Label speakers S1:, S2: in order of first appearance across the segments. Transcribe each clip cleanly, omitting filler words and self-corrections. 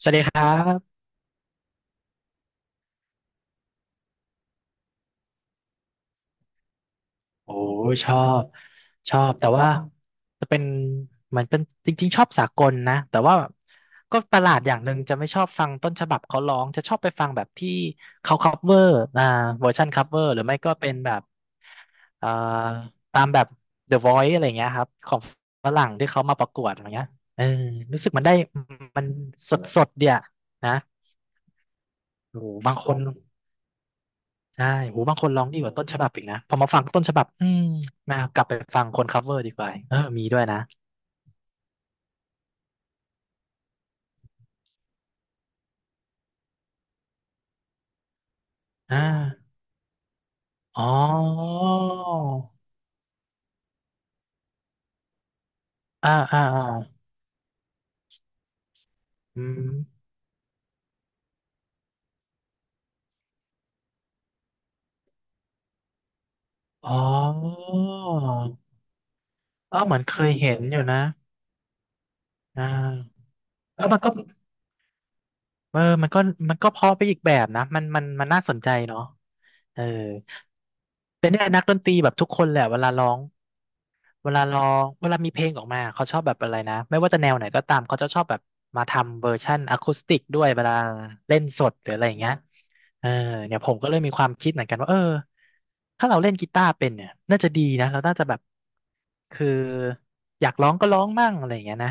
S1: สวัสดีครับโอ้ชอบชอบแต่ว่าจะเป็นเหมือนเป็นจริงๆชอบสากลนะแต่ว่าก็ประหลาดอย่างหนึ่งจะไม่ชอบฟังต้นฉบับเขาร้องจะชอบไปฟังแบบที่เขาคัฟเวอร์เวอร์ชันคัฟเวอร์หรือไม่ก็เป็นแบบเอ่อตามแบบ The Voice อะไรอย่างเงี้ยครับของฝรั่งที่เขามาประกวดอะไรเงี้ยเออรู้สึกมันได้มันสดสดเดียนะโอ้บางคน ใช่โหบางคนร้องดีกว่าต้นฉบับอีกนะพอมาฟังต้นฉบับ อืมมากลับไปฟังคนคัฟเวอร์ดีกว่าเออมีด้วยนะอ่าอ๋ออ่าอ่าอ่าอืมอ๋อเออเหมือนเคยเห็นอยู่นะอ่าเออมันก็เออมันก็มันก็เพอไปอีกแบบนะ มันน่าสนใจเนาะเออแต่เนี่ยนักดนตรีแบบทุกคนแหละเวลาร้อง เวลาร้องเวลามีเพลงออกมาเขาชอบแบบอะไรนะไม่ว่าจะแนวไหนก็ตามเขาจะชอบแบบมาทำเวอร์ชั่นอะคูสติกด้วยเวลาเล่นสดหรืออะไรอย่างเงี้ยเออเนี่ยผมก็เลยมีความคิดเหมือนกันว่าเออถ้าเราเล่นกีตาร์เป็นเนี่ยน่าจะดีนะเราน่าจะแบบคืออยากร้องก็ร้องมั่งอะไรอย่างเงี้ยนะ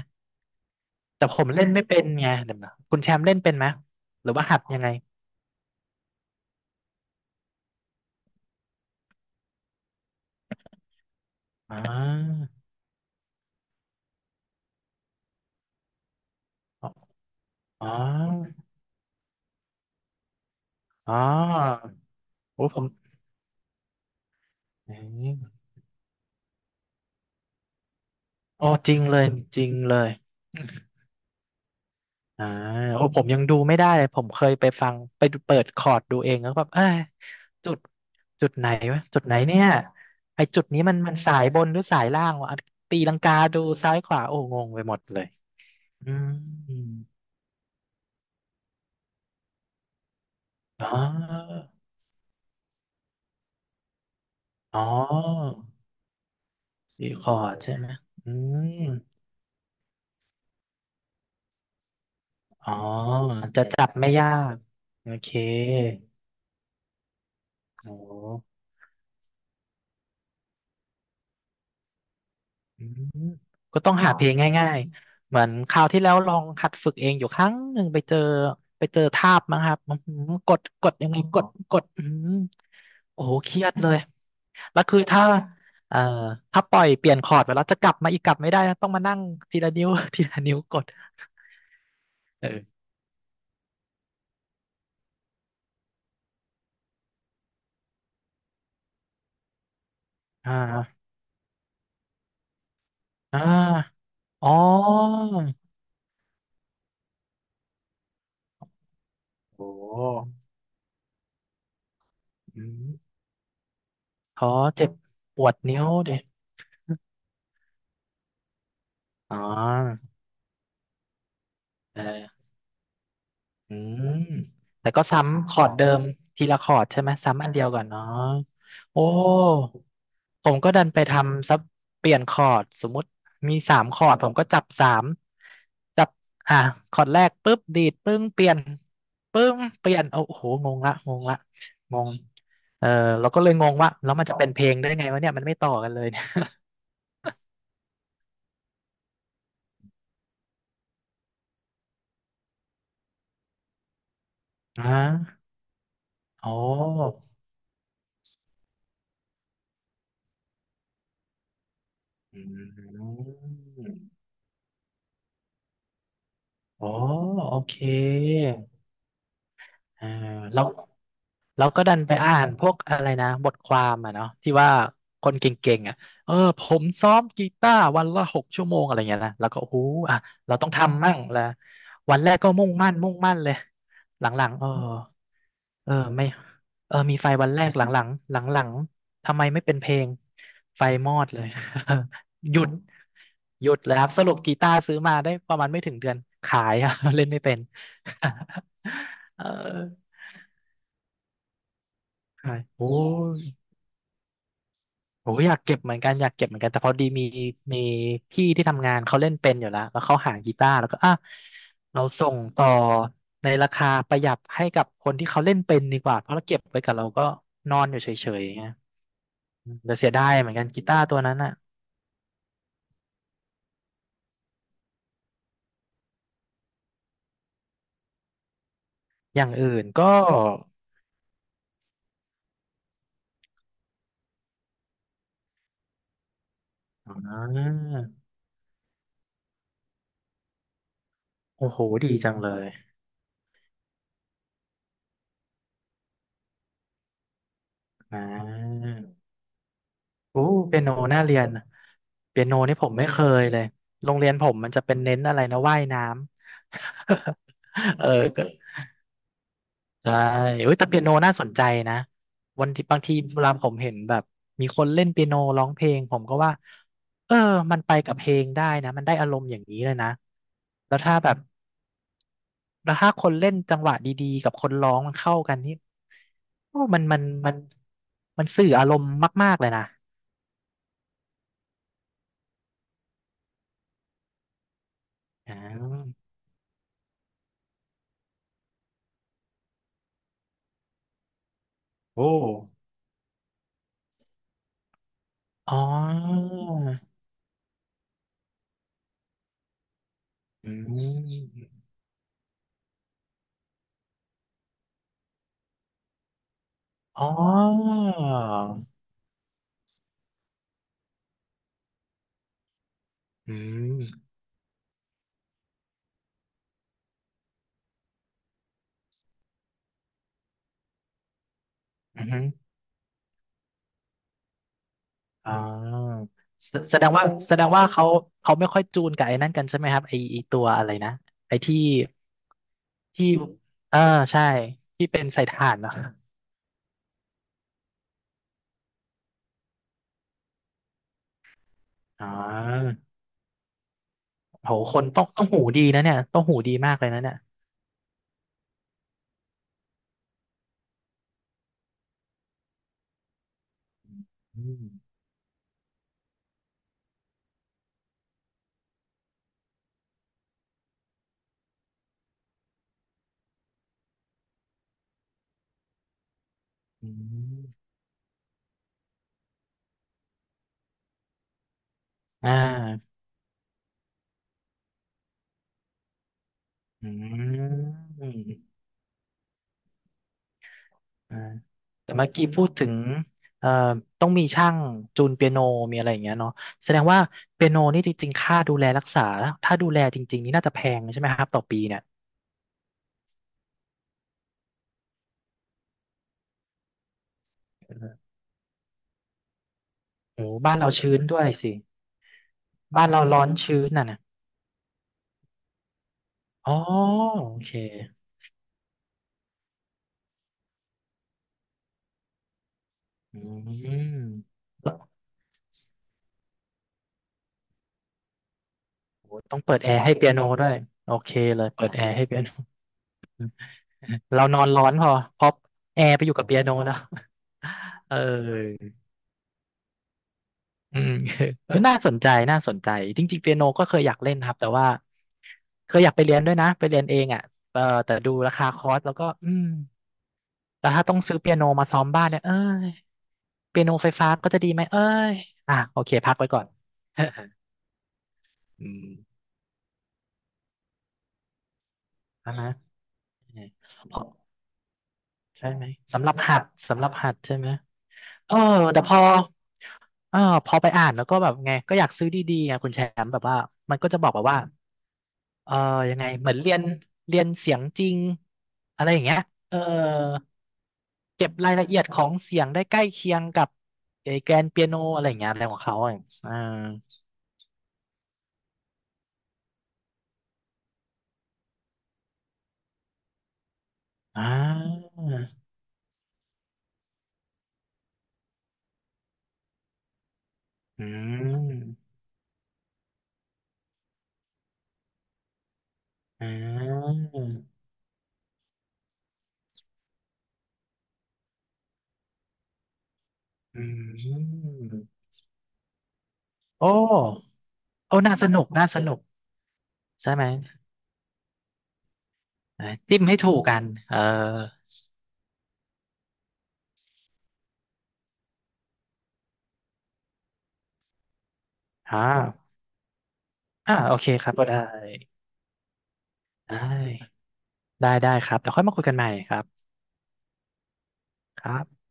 S1: แต่ผมเล่นไม่เป็นไงเดี๋ยวนะคุณแชมป์เล่นเป็นไหมหรือว่าหัดยังไงอ๋ออ๋ออ๋อโอ้ผมออจริงเลยจริงเลย อ่าโอ้ผมยังดูไม่ได้เลยผมเคยไปฟังไปดูเปิดคอร์ดดูเองแล้วแบบเอ้ยจุดจุดไหนวะจุดไหนเนี่ยไอจุดนี้มันสายบนหรือสายล่างวะตีลังกาดูซ้ายขวาโอ้งงไปหมดเลยอืมอ๋ออ๋อสี่คอร์ดใช่ไหมอืมอ๋อจะจับไม่ยากโอเคโอ้ อืมก็ต้องหาเพลงง่ายๆ เหมือนคราวที่แล้วลองหัดฝึกเองอยู่ครั้งหนึ่งไปเจอทาบมั้งครับอื้อหือกดกดยังไงกดกดอือหือโอ้โหเครียดเลย แล้วคือถ้าเอ่อถ้าปล่อยเปลี่ยนคอร์ดไปแล้วจะกลับมาอีกกลับไม่ได้นะต้องมานั่งทีละนิ้ว ทีละนิ้วกดเอออ่าอ่าอ๋อโอ้โหอืมขอเจ็บปวดนิ้วดิอ๋อเออ อืมแต่ก็ซ้ำคอร์ดเดิมทีละคอร์ดใช่ไหมซ้ำอันเดียวก่อนเนาะโอ้ผมก็ดันไปทำซับเปลี่ยนคอร์ดสมมติมีสามคอร์ดผมก็จับสามจับอ่ะคอร์ดแรกปุ๊บดีดปึ้งเปลี่ยนปึ้งเปลี่ยนโอ้โหงงละงงเออเราก็เลยงงว่าแล้วมันจะเป็นเพลงได้ไงวะเนี่ยมันไม่ต่อกันเลยเนี่ย อ่าโอ้อืมโอ้โอเค อ่าแล้วเราก็ดันไปอ่านพวกอะไรนะบทความอ่ะเนาะที่ว่าคนเก่งๆอ่ะเออผมซ้อมกีตาร์วันละหกชั่วโมงอะไรเงี้ยนะแล้วก็โอ้โหอ่ะเราต้องทำมั่งละวันแรกก็มุ่งมั่นเลยหลังๆเออเออไม่เออมีไฟวันแรกหลังๆหลังๆทำไมไม่เป็นเพลงไฟมอดเลย หยุดหยุดเลยครับสรุปกีตาร์ซื้อมาได้ประมาณไม่ถึงเดือนขายอะ เล่นไม่เป็น เออ ใช่โอ้ยผมก็อยากเก็บเหมือนกันอยากเก็บเหมือนกันแต่พอดีมีมีพี่ที่ทำงานเขาเล่นเป็นอยู่แล้วแล้วเขาหากีตาร์แล้วก็อ่ะเราส่งต่อในราคาประหยัดให้กับคนที่เขาเล่นเป็นดีกว่าเพราะเราเก็บไว้กับเราก็นอนอยู่เฉยๆอย่างเงี้ยแต่เสียดายเหมือนกันกีตาร์ตัวนั้นอะอย่างอื่นก็อ่าโอ้โหดีจังเลยอ่า โอ้เปียโนน่าเรียนอะเปียโนนี่ผมไม่เคยเลยโรงเรียนผมมันจะเป็นเน้นอะไรนะว่ายน้ำ เออก็ใช่เอ้ยแต่เปียโนน่าสนใจนะวันที่บางทีเวลาผมเห็นแบบมีคนเล่นเปียโนร้องเพลงผมก็ว่าเออมันไปกับเพลงได้นะมันได้อารมณ์อย่างนี้เลยนะแล้วถ้าแบบแล้วถ้าคนเล่นจังหวะดีๆกับคนร้องมันเข้ากันนี่โอ้มันสื่ออารมณ์มากๆเลยนะอ่าโอ้ อ๋ออืมอ๋ออืมอือฮึอ๋อแสดงว่าเขาไม่ค่อยจูนกับไอ้นั่นกันใช่ไหมครับไอ้ตัวอะไรนะไอ้ที่เออใช่ที่เป็นใส่ถ่านเนอะอ๋อโหคนต้องหูดีนะเนี่ยต้องหูดีมากเลยนะเนี่ยอืมอืมอ่าอืม อ่าแต่เมื่อกี้พูดถึงเอ่อต้องมีช่างจูนเปียโนมีอะไรอย่างเงี้ยเนาะแสดงว่าเปียโนนี่จริงๆค่าดูแลรักษาถ้าดูแลจริงๆนี่น่าจะแพงใช่ไหมครับต่อปีเนี่ยโอ้บ้านเราชื้นด้วยสิบ้านเราร้อนชื้นน่ะนะอ๋อโอเคอืมโอ้ต้องเปิดแอร์ให้เปียโนด้วยโอเคเลยเปิดแอร์ให้เปียโน เรานอนร้อนพอเพราะแอร์ไปอยู่กับเปียโนแล้ว เออ อืม เออน่าสนใจจริงๆเปียโนก็เคยอยากเล่นครับแต่ว่าเคยอยากไปเรียนด้วยนะไปเรียนเองอ่ะเออแต่ดูราคาคอร์สแล้วก็อืมแต่ถ้าต้องซื้อเปียโนมาซ้อมบ้านเนี่ยเอ้ยเปียโนไฟฟ้าก็จะดีไหมเอ้ยอ่ะโอเคพักไว้ก่อน อืมนะนะพอใช่ไหมสำหรับหัดสำหรับหัดใช่ไหมเออแต่พอเออพอไปอ่านแล้วก็แบบไงก็อยากซื้อดีๆไงคุณแชมป์แบบว่ามันก็จะบอกแบบว่า เออยังไงเหมือนเรียนเรียนเสียงจริงอะไรอย่างเงี้ยเออเก็บรายละเอียดของเสียงได้ใกล้เคียงกับไอ้แกนเปียโนอะไรอย่างเงี้ยอะไรของเขาอ่ะอ่าอ่าอืมอ่าอืมโอ้โอ้น่าสนุก ใช่ไหมเออจิ้มให้ถูกกันเอออ่าอ่าโอเคครับก็ได้ได้ ได้ ได้ครับเดี๋ยวค่อยมาคุยกันใหม่ครับครับ